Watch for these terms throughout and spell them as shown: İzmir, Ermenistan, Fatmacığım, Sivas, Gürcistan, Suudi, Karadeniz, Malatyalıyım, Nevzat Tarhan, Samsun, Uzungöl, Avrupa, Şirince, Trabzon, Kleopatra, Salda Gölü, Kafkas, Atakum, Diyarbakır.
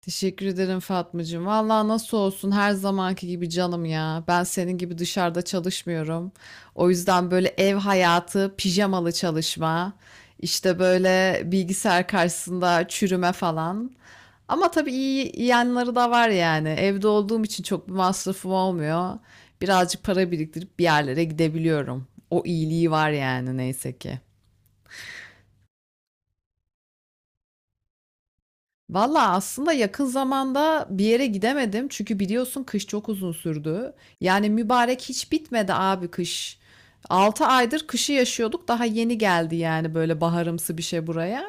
Teşekkür ederim Fatmacığım. Vallahi nasıl olsun her zamanki gibi canım ya. Ben senin gibi dışarıda çalışmıyorum. O yüzden böyle ev hayatı, pijamalı çalışma, işte böyle bilgisayar karşısında çürüme falan. Ama tabii iyi iyi yanları da var yani. Evde olduğum için çok bir masrafım olmuyor. Birazcık para biriktirip bir yerlere gidebiliyorum. O iyiliği var yani neyse ki. Valla aslında yakın zamanda bir yere gidemedim. Çünkü biliyorsun kış çok uzun sürdü. Yani mübarek hiç bitmedi abi kış. 6 aydır kışı yaşıyorduk. Daha yeni geldi yani böyle baharımsı bir şey buraya.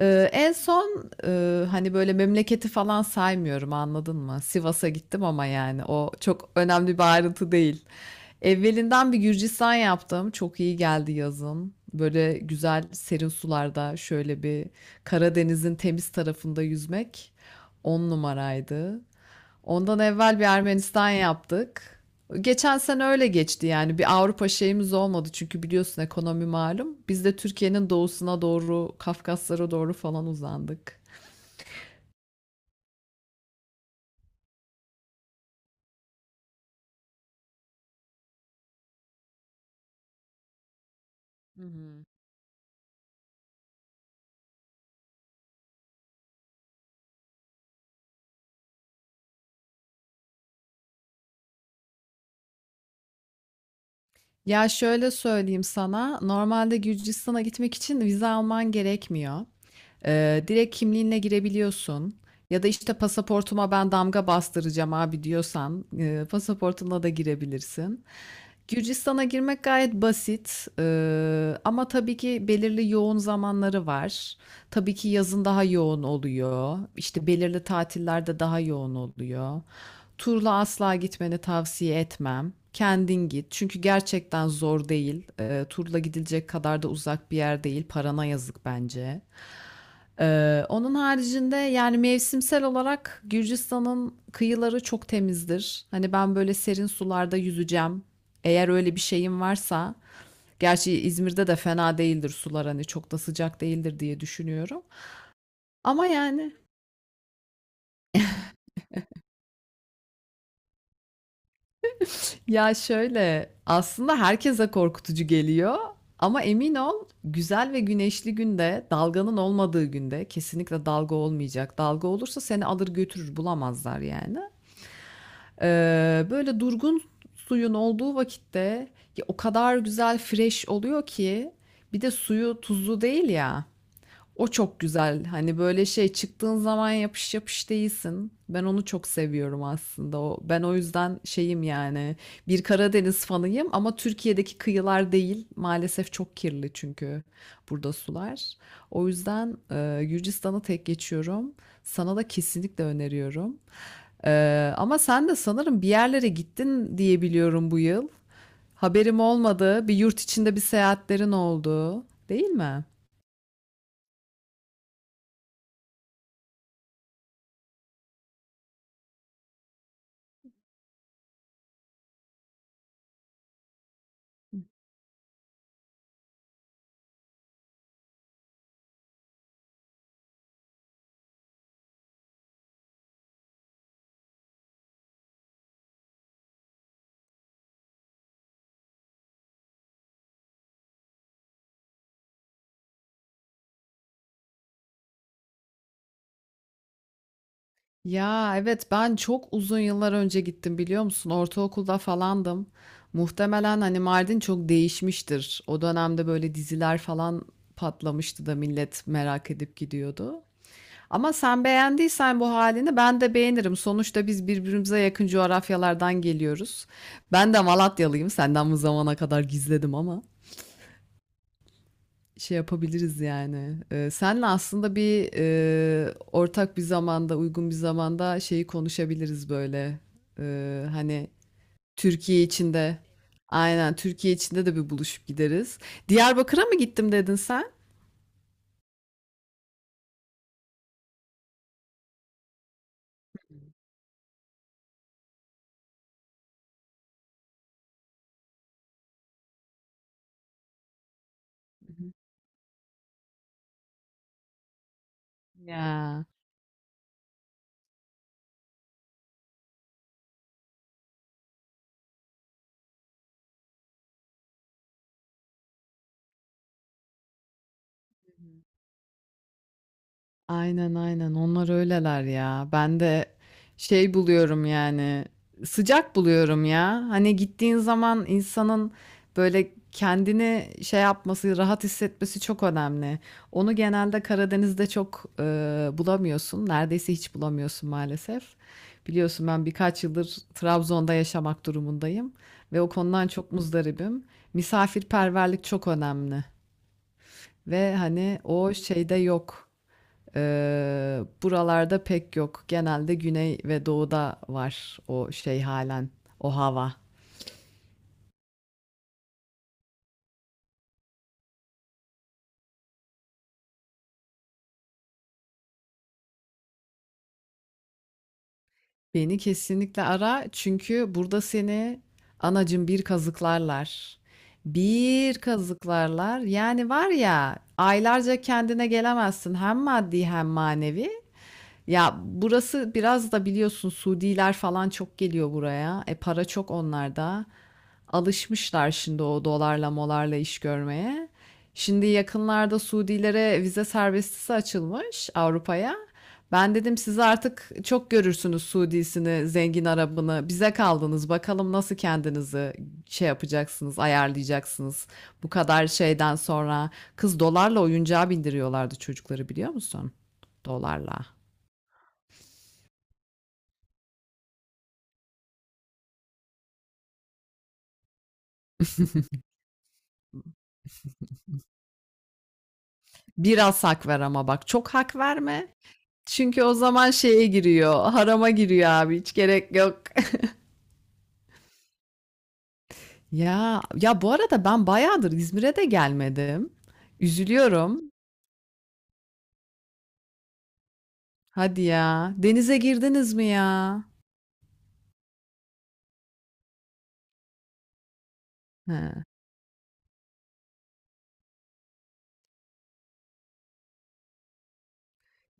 En son hani böyle memleketi falan saymıyorum anladın mı? Sivas'a gittim ama yani o çok önemli bir ayrıntı değil. Evvelinden bir Gürcistan yaptım. Çok iyi geldi yazın. Böyle güzel serin sularda şöyle bir Karadeniz'in temiz tarafında yüzmek on numaraydı. Ondan evvel bir Ermenistan yaptık. Geçen sene öyle geçti yani. Bir Avrupa şeyimiz olmadı çünkü biliyorsun ekonomi malum. Biz de Türkiye'nin doğusuna doğru, Kafkaslara doğru falan uzandık. Hı hı. Ya şöyle söyleyeyim sana, normalde Gürcistan'a gitmek için vize alman gerekmiyor. Direkt kimliğinle girebiliyorsun. Ya da işte pasaportuma ben damga bastıracağım abi diyorsan pasaportunla da girebilirsin. Gürcistan'a girmek gayet basit. Ama tabii ki belirli yoğun zamanları var. Tabii ki yazın daha yoğun oluyor. İşte belirli tatillerde daha yoğun oluyor. Turla asla gitmeni tavsiye etmem. Kendin git. Çünkü gerçekten zor değil. Turla gidilecek kadar da uzak bir yer değil. Parana yazık bence. Onun haricinde yani mevsimsel olarak Gürcistan'ın kıyıları çok temizdir. Hani ben böyle serin sularda yüzeceğim. Eğer öyle bir şeyim varsa, gerçi İzmir'de de fena değildir sular hani çok da sıcak değildir diye düşünüyorum. Ama yani ya şöyle aslında herkese korkutucu geliyor ama emin ol güzel ve güneşli günde dalganın olmadığı günde kesinlikle dalga olmayacak. Dalga olursa seni alır götürür bulamazlar yani. Böyle durgun suyun olduğu vakitte ya o kadar güzel fresh oluyor ki bir de suyu tuzlu değil ya. O çok güzel. Hani böyle şey çıktığın zaman yapış yapış değilsin. Ben onu çok seviyorum aslında. O, ben o yüzden şeyim yani bir Karadeniz fanıyım ama Türkiye'deki kıyılar değil. Maalesef çok kirli çünkü burada sular. O yüzden Gürcistan'ı tek geçiyorum. Sana da kesinlikle öneriyorum. Ama sen de sanırım bir yerlere gittin diye biliyorum bu yıl. Haberim olmadı. Bir yurt içinde bir seyahatlerin oldu, değil mi? Ya evet ben çok uzun yıllar önce gittim biliyor musun? Ortaokulda falandım. Muhtemelen hani Mardin çok değişmiştir. O dönemde böyle diziler falan patlamıştı da millet merak edip gidiyordu. Ama sen beğendiysen bu halini ben de beğenirim. Sonuçta biz birbirimize yakın coğrafyalardan geliyoruz. Ben de Malatyalıyım. Senden bu zamana kadar gizledim ama şey yapabiliriz yani. Senle aslında bir ortak bir zamanda, uygun bir zamanda şeyi konuşabiliriz böyle. Hani Türkiye içinde, aynen Türkiye içinde de bir buluşup gideriz. Diyarbakır'a mı gittim dedin sen? Hı hı. Ya. Aynen aynen onlar öyleler ya. Ben de şey buluyorum yani sıcak buluyorum ya. Hani gittiğin zaman insanın böyle kendini şey yapması, rahat hissetmesi çok önemli. Onu genelde Karadeniz'de çok bulamıyorsun. Neredeyse hiç bulamıyorsun maalesef. Biliyorsun ben birkaç yıldır Trabzon'da yaşamak durumundayım ve o konudan çok muzdaribim. Misafirperverlik çok önemli ve hani o şeyde yok. Buralarda pek yok. Genelde güney ve doğuda var o şey halen, o hava. Beni kesinlikle ara çünkü burada seni anacım bir kazıklarlar. Bir kazıklarlar. Yani var ya aylarca kendine gelemezsin hem maddi hem manevi. Ya burası biraz da biliyorsun Suudiler falan çok geliyor buraya. E para çok onlarda. Alışmışlar şimdi o dolarla molarla iş görmeye. Şimdi yakınlarda Suudilere vize serbestisi açılmış Avrupa'ya. Ben dedim siz artık çok görürsünüz Suudisini, zengin Arabını. Bize kaldınız. Bakalım nasıl kendinizi şey yapacaksınız, ayarlayacaksınız. Bu kadar şeyden sonra kız dolarla oyuncağa bindiriyorlardı çocukları biliyor musun? Dolarla. Biraz hak ver ama bak çok hak verme. Çünkü o zaman şeye giriyor, harama giriyor abi hiç gerek yok. Ya ya bu arada ben bayağıdır İzmir'e de gelmedim. Üzülüyorum. Hadi ya. Denize girdiniz mi ya? He.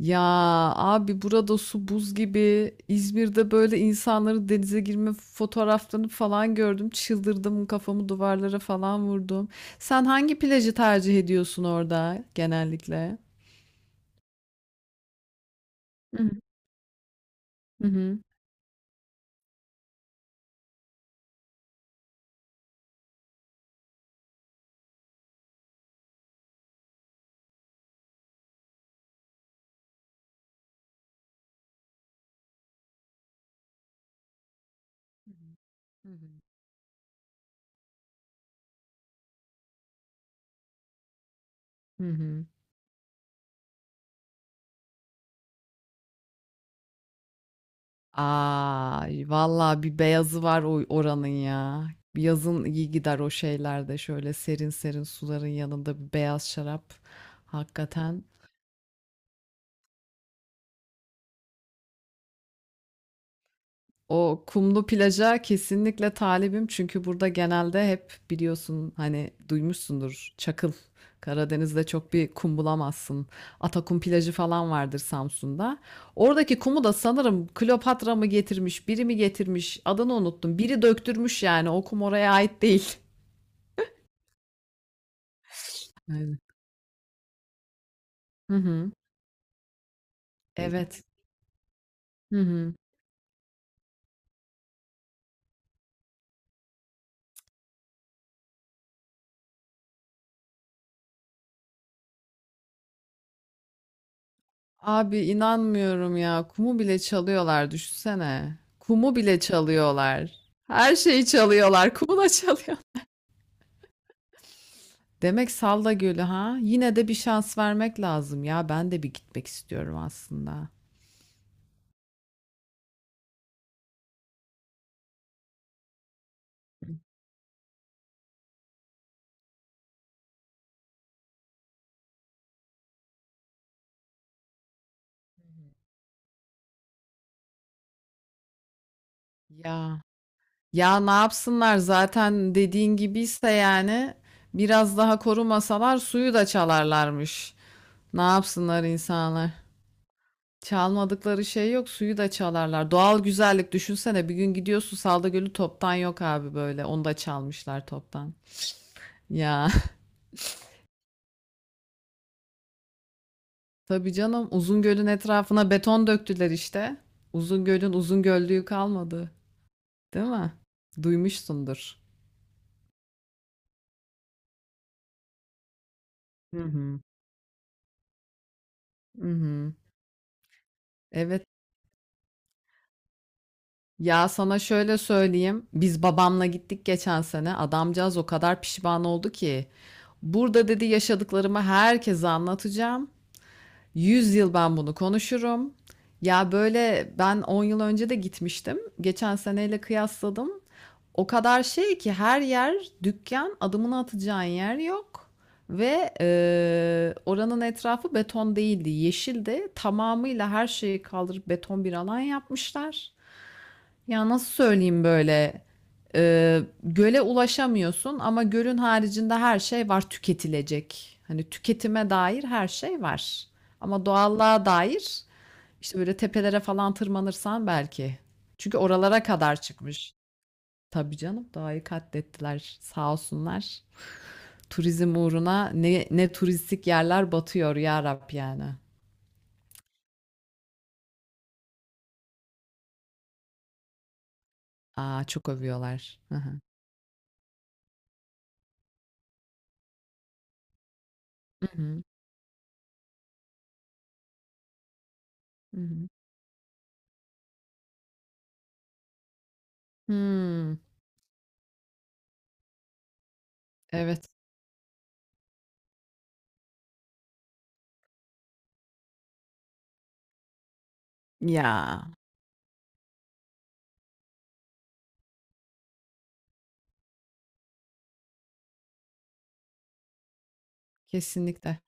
Ya abi burada su buz gibi. İzmir'de böyle insanların denize girme fotoğraflarını falan gördüm. Çıldırdım, kafamı duvarlara falan vurdum. Sen hangi plajı tercih ediyorsun orada genellikle? Hı hı. Hı hı. Hı hı. Ay vallahi bir beyazı var o oranın ya. Yazın iyi gider o şeylerde şöyle serin serin suların yanında bir beyaz şarap. Hakikaten o kumlu plaja kesinlikle talibim çünkü burada genelde hep biliyorsun hani duymuşsundur çakıl. Karadeniz'de çok bir kum bulamazsın. Atakum plajı falan vardır Samsun'da. Oradaki kumu da sanırım Kleopatra mı getirmiş, biri mi getirmiş, adını unuttum. Biri döktürmüş yani o kum oraya ait değil. Aynen. Hı hı. Evet. Hı hı. Abi inanmıyorum ya. Kumu bile çalıyorlar düşünsene. Kumu bile çalıyorlar. Her şeyi çalıyorlar. Kumu da çalıyor. Demek Salda Gölü ha? Yine de bir şans vermek lazım ya. Ben de bir gitmek istiyorum aslında. Ya. Ya ne yapsınlar zaten dediğin gibiyse yani biraz daha korumasalar suyu da çalarlarmış. Ne yapsınlar insanlar? Çalmadıkları şey yok, suyu da çalarlar. Doğal güzellik düşünsene bir gün gidiyorsun Salda Gölü toptan yok abi böyle. Onu da çalmışlar toptan. Ya tabii canım Uzungöl'ün etrafına beton döktüler işte. Uzungöl'ün Uzungöllüğü kalmadı. Değil mi? Duymuşsundur. Hı hı. Hı hı. Evet. Ya, sana şöyle söyleyeyim, biz babamla gittik geçen sene. Adamcağız o kadar pişman oldu ki, "Burada" dedi, "yaşadıklarımı herkese anlatacağım. 100 yıl ben bunu konuşurum." Ya, böyle ben 10 yıl önce de gitmiştim. Geçen seneyle kıyasladım. O kadar şey ki her yer dükkan, adımını atacağın yer yok ve oranın etrafı beton değildi, yeşildi. Tamamıyla her şeyi kaldırıp beton bir alan yapmışlar. Ya nasıl söyleyeyim böyle göle ulaşamıyorsun ama gölün haricinde her şey var tüketilecek. Hani tüketime dair her şey var. Ama doğallığa dair işte böyle tepelere falan tırmanırsan belki. Çünkü oralara kadar çıkmış. Tabii canım doğayı katlettiler sağ olsunlar. Turizm uğruna ne turistik yerler batıyor ya Rab yani. Aa çok övüyorlar. Hı hı. Hı hı. Hı hı. Hmm, evet. Ya kesinlikle.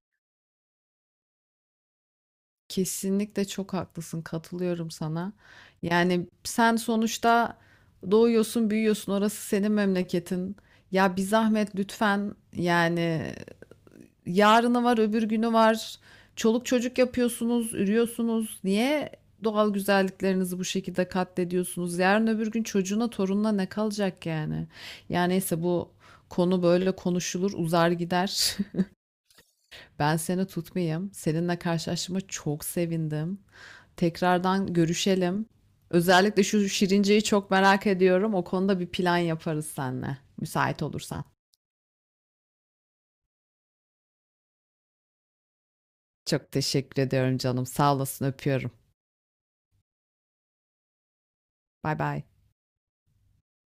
Kesinlikle çok haklısın. Katılıyorum sana. Yani sen sonuçta doğuyorsun, büyüyorsun. Orası senin memleketin. Ya bir zahmet lütfen yani yarını var, öbür günü var. Çoluk çocuk yapıyorsunuz, ürüyorsunuz. Niye doğal güzelliklerinizi bu şekilde katlediyorsunuz? Yarın öbür gün çocuğuna, torununa ne kalacak yani? Yani neyse bu konu böyle konuşulur, uzar gider. Ben seni tutmayayım. Seninle karşılaştığıma çok sevindim. Tekrardan görüşelim. Özellikle şu Şirince'yi çok merak ediyorum. O konuda bir plan yaparız seninle. Müsait olursan. Çok teşekkür ediyorum canım. Sağ olasın, öpüyorum. Bay bay.